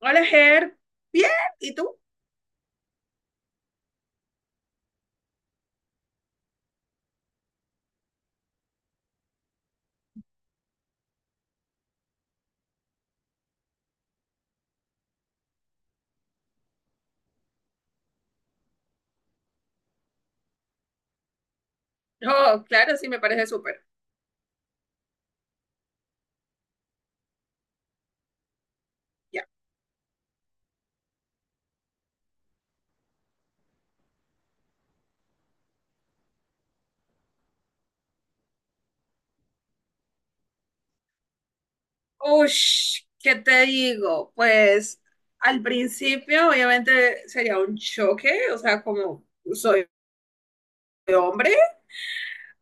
Hola, Ger. Bien, ¿y tú? Oh, claro, sí, me parece súper. Ya. Ush, ¿qué te digo? Pues al principio obviamente sería un choque, o sea, como soy hombre.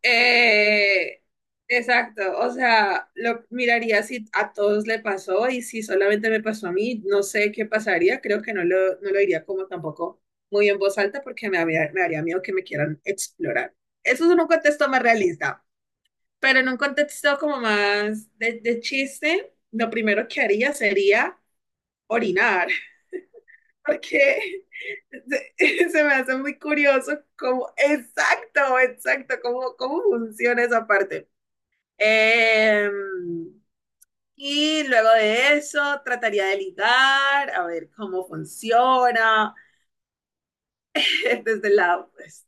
Eh, exacto, o sea, lo miraría si a todos le pasó y si solamente me pasó a mí, no sé qué pasaría, creo que no lo diría como tampoco muy en voz alta porque me haría miedo que me quieran explorar. Eso es un contexto más realista. Pero en un contexto como más de chiste, lo primero que haría sería orinar, porque se me hace muy curioso cómo, exacto, exacto, cómo, cómo funciona esa parte. Em, y luego de eso trataría de ligar, a ver cómo funciona, desde el lado, pues,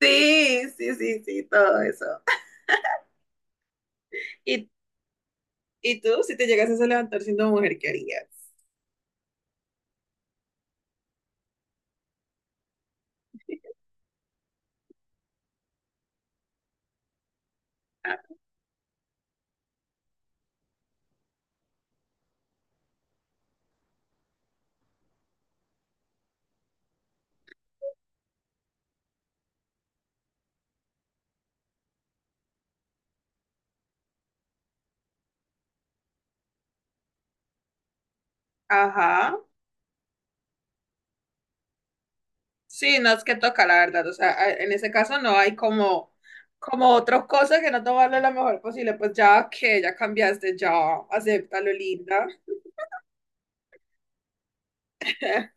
sí, sí, sí, sí, todo eso. ¿Y, ¿Y tú, si te llegases a levantar siendo mujer, qué harías? Ah. Ajá. Sí, no es que toca, la verdad. O sea, en ese caso no hay como otra cosa que no tomarle la mejor posible. Pues ya que ya cambiaste, ya acéptalo, linda.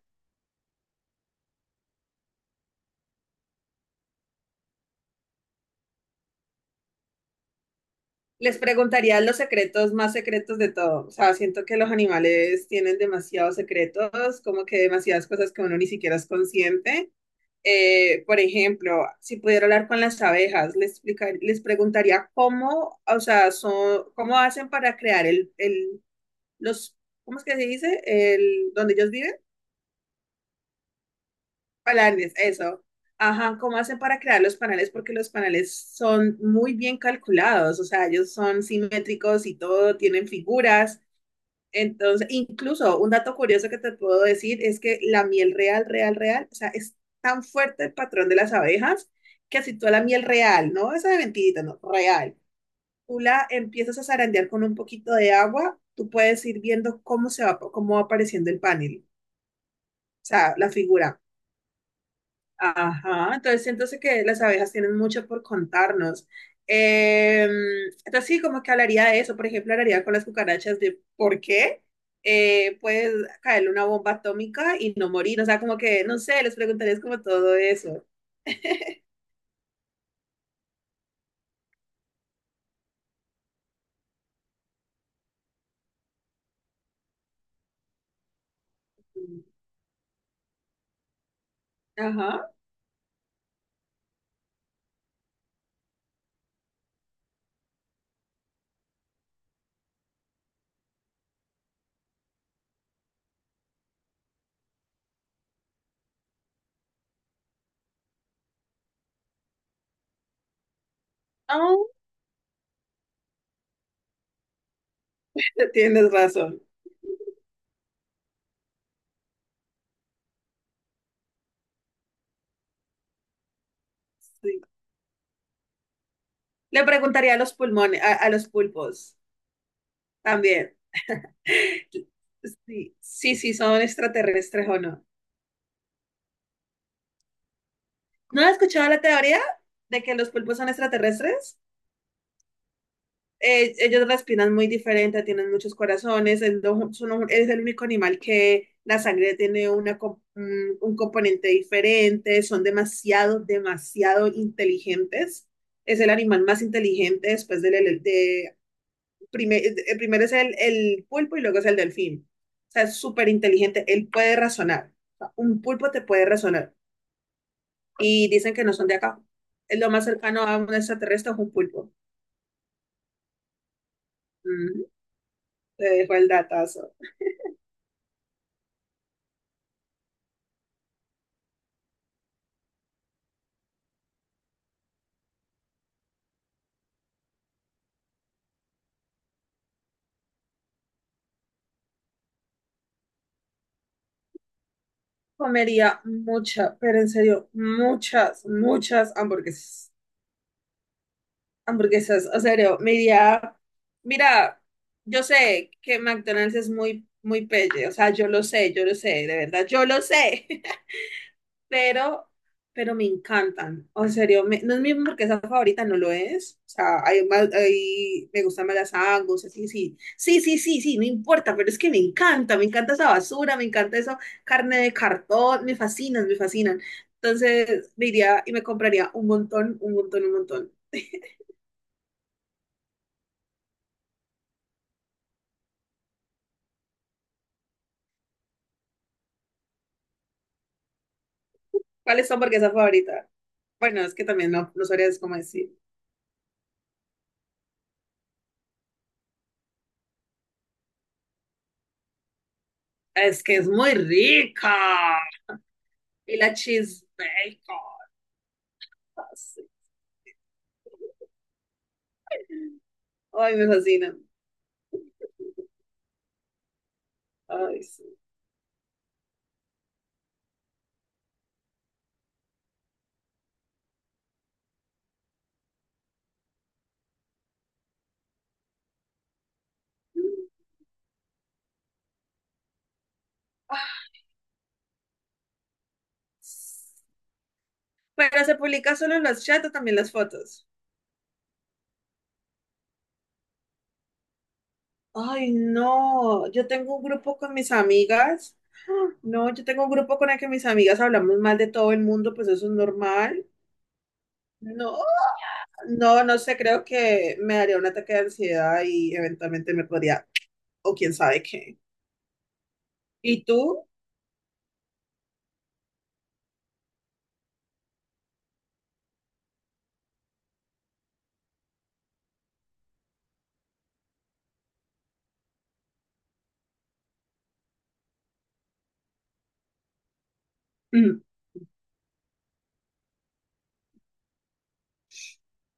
Les preguntaría los secretos más secretos de todo. O sea, siento que los animales tienen demasiados secretos, como que demasiadas cosas que uno ni siquiera es consciente. Por ejemplo, si pudiera hablar con las abejas, les preguntaría cómo, o sea, son, cómo hacen para crear los, ¿cómo es que se dice? El, donde ellos viven, palanes, eso. Ajá, ¿cómo hacen para crear los panales? Porque los panales son muy bien calculados, o sea, ellos son simétricos y todo, tienen figuras. Entonces, incluso un dato curioso que te puedo decir es que la miel real, real, real, o sea, es tan fuerte el patrón de las abejas que si tú a la miel real, no esa de mentirita, no, real, tú la empiezas a zarandear con un poquito de agua, tú puedes ir viendo cómo se va, cómo va apareciendo el panel, o sea, la figura. Ajá, entonces siento que las abejas tienen mucho por contarnos. Eh, entonces sí, como que hablaría de eso, por ejemplo, hablaría con las cucarachas de por qué puedes caerle una bomba atómica y no morir, o sea, como que, no sé, les preguntarías como todo eso. Ajá. Ah, tienes razón. Sí. Le preguntaría a los pulmones, a los pulpos también. Sí, sí, sí, son extraterrestres o no. ¿No has escuchado la teoría de que los pulpos son extraterrestres? Eh, ellos respiran muy diferente, tienen muchos corazones, es, lo- son un- es el único animal que la sangre tiene un componente diferente, son demasiado, demasiado inteligentes. Es el animal más inteligente después del... De, el primero es el pulpo y luego es el delfín. O sea, es súper inteligente, él puede razonar. O sea, un pulpo te puede razonar. Y dicen que no son de acá. Es lo más cercano a un extraterrestre es un pulpo. Mm, te dejo el dato. Comería mucha, pero en serio, muchas, muchas hamburguesas. Hamburguesas, en serio, me iría. Mira, yo sé que McDonald's es muy, muy pelle, o sea, yo lo sé, de verdad, yo lo sé. pero, pero me encantan. O en serio, me- no es mi hamburguesa favorita, no lo es. O sea, hay más, hay- me gustan más las Angus, así, sí. Sí, sí, sí, sí, no importa, pero es que me encanta esa basura, me encanta esa carne de cartón, me fascinan, me fascinan. Entonces, me iría y me compraría un montón, un montón, un montón. ¿Cuál es tu hamburguesa favorita? Bueno, es que también no sabría cómo decir. Es que es muy rica. Y la cheese bacon. Así. Ay, me fascina. Ay, sí. Ah. Pero se publica solo en los chats o también las fotos. Ay, no. Yo tengo un grupo con mis amigas. Ah, no, yo tengo un grupo con el que mis amigas hablamos mal de todo el mundo, pues eso es normal. No, no, no sé, creo que me daría un ataque de ansiedad y eventualmente me podría o quién sabe qué. Y tú, mm,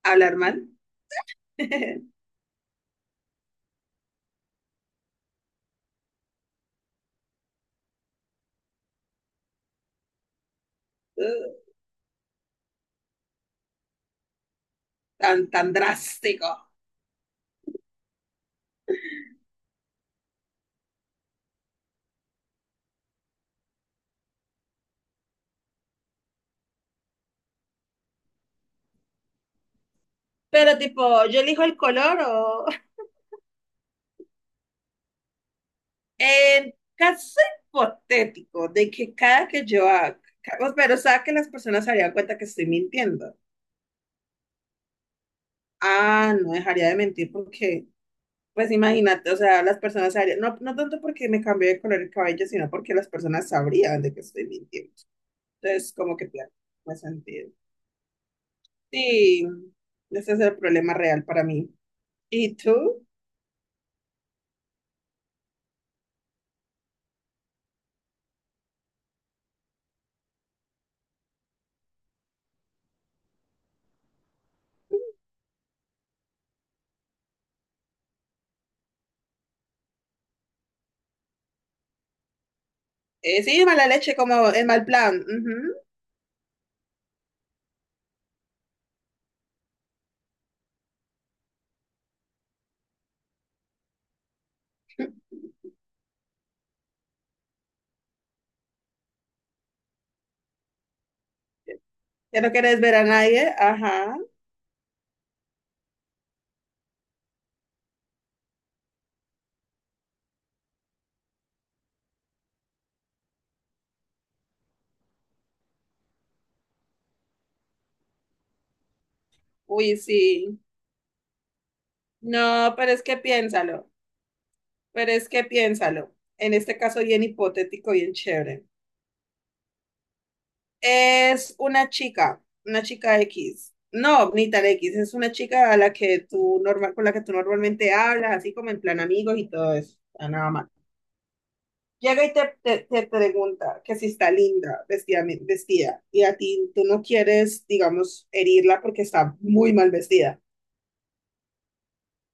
hablar mal. Tan, tan drástico. Pero tipo, yo elijo el color o... En caso hipotético de que cada que yo haga... Pero o sea que las personas se darían cuenta que estoy mintiendo. Ah, no dejaría de mentir porque, pues imagínate, o sea, las personas se darían... No, no tanto porque me cambié de color el cabello, sino porque las personas sabrían de que estoy mintiendo. Entonces, como que plan, me sentido. Sí, ese es el problema real para mí. ¿Y tú? Sí, mala leche, como el mal plan. Ujú. Ya no quieres ver a nadie. Ajá. Uy, sí. No, pero es que piénsalo. Pero es que piénsalo. En este caso, bien hipotético, bien chévere. Es una chica X. No, ni tan X, es una chica a la que tú normal, con la que tú normalmente hablas, así como en plan amigos y todo eso. Ah, nada más. Llega y te pregunta que si está linda, vestida, vestida, y a ti tú no quieres, digamos, herirla porque está muy mal vestida.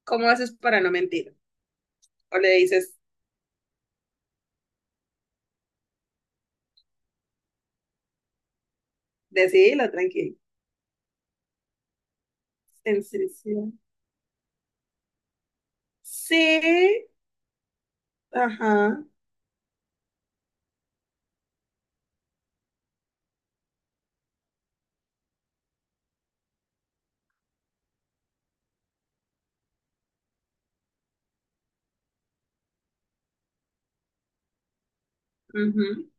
¿Cómo haces para no mentir? O le dices, decidilo, tranquilo. En serio. Sí, ajá, ujú,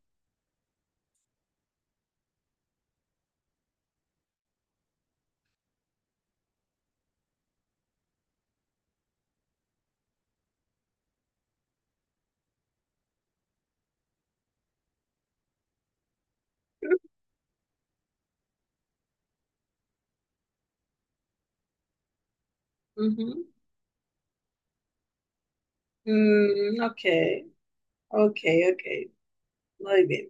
ujú. Mm, ok, ok, ok, muy bien.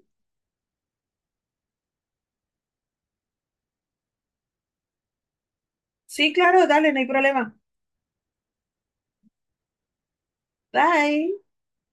Sí, claro, dale, no hay problema. Bye.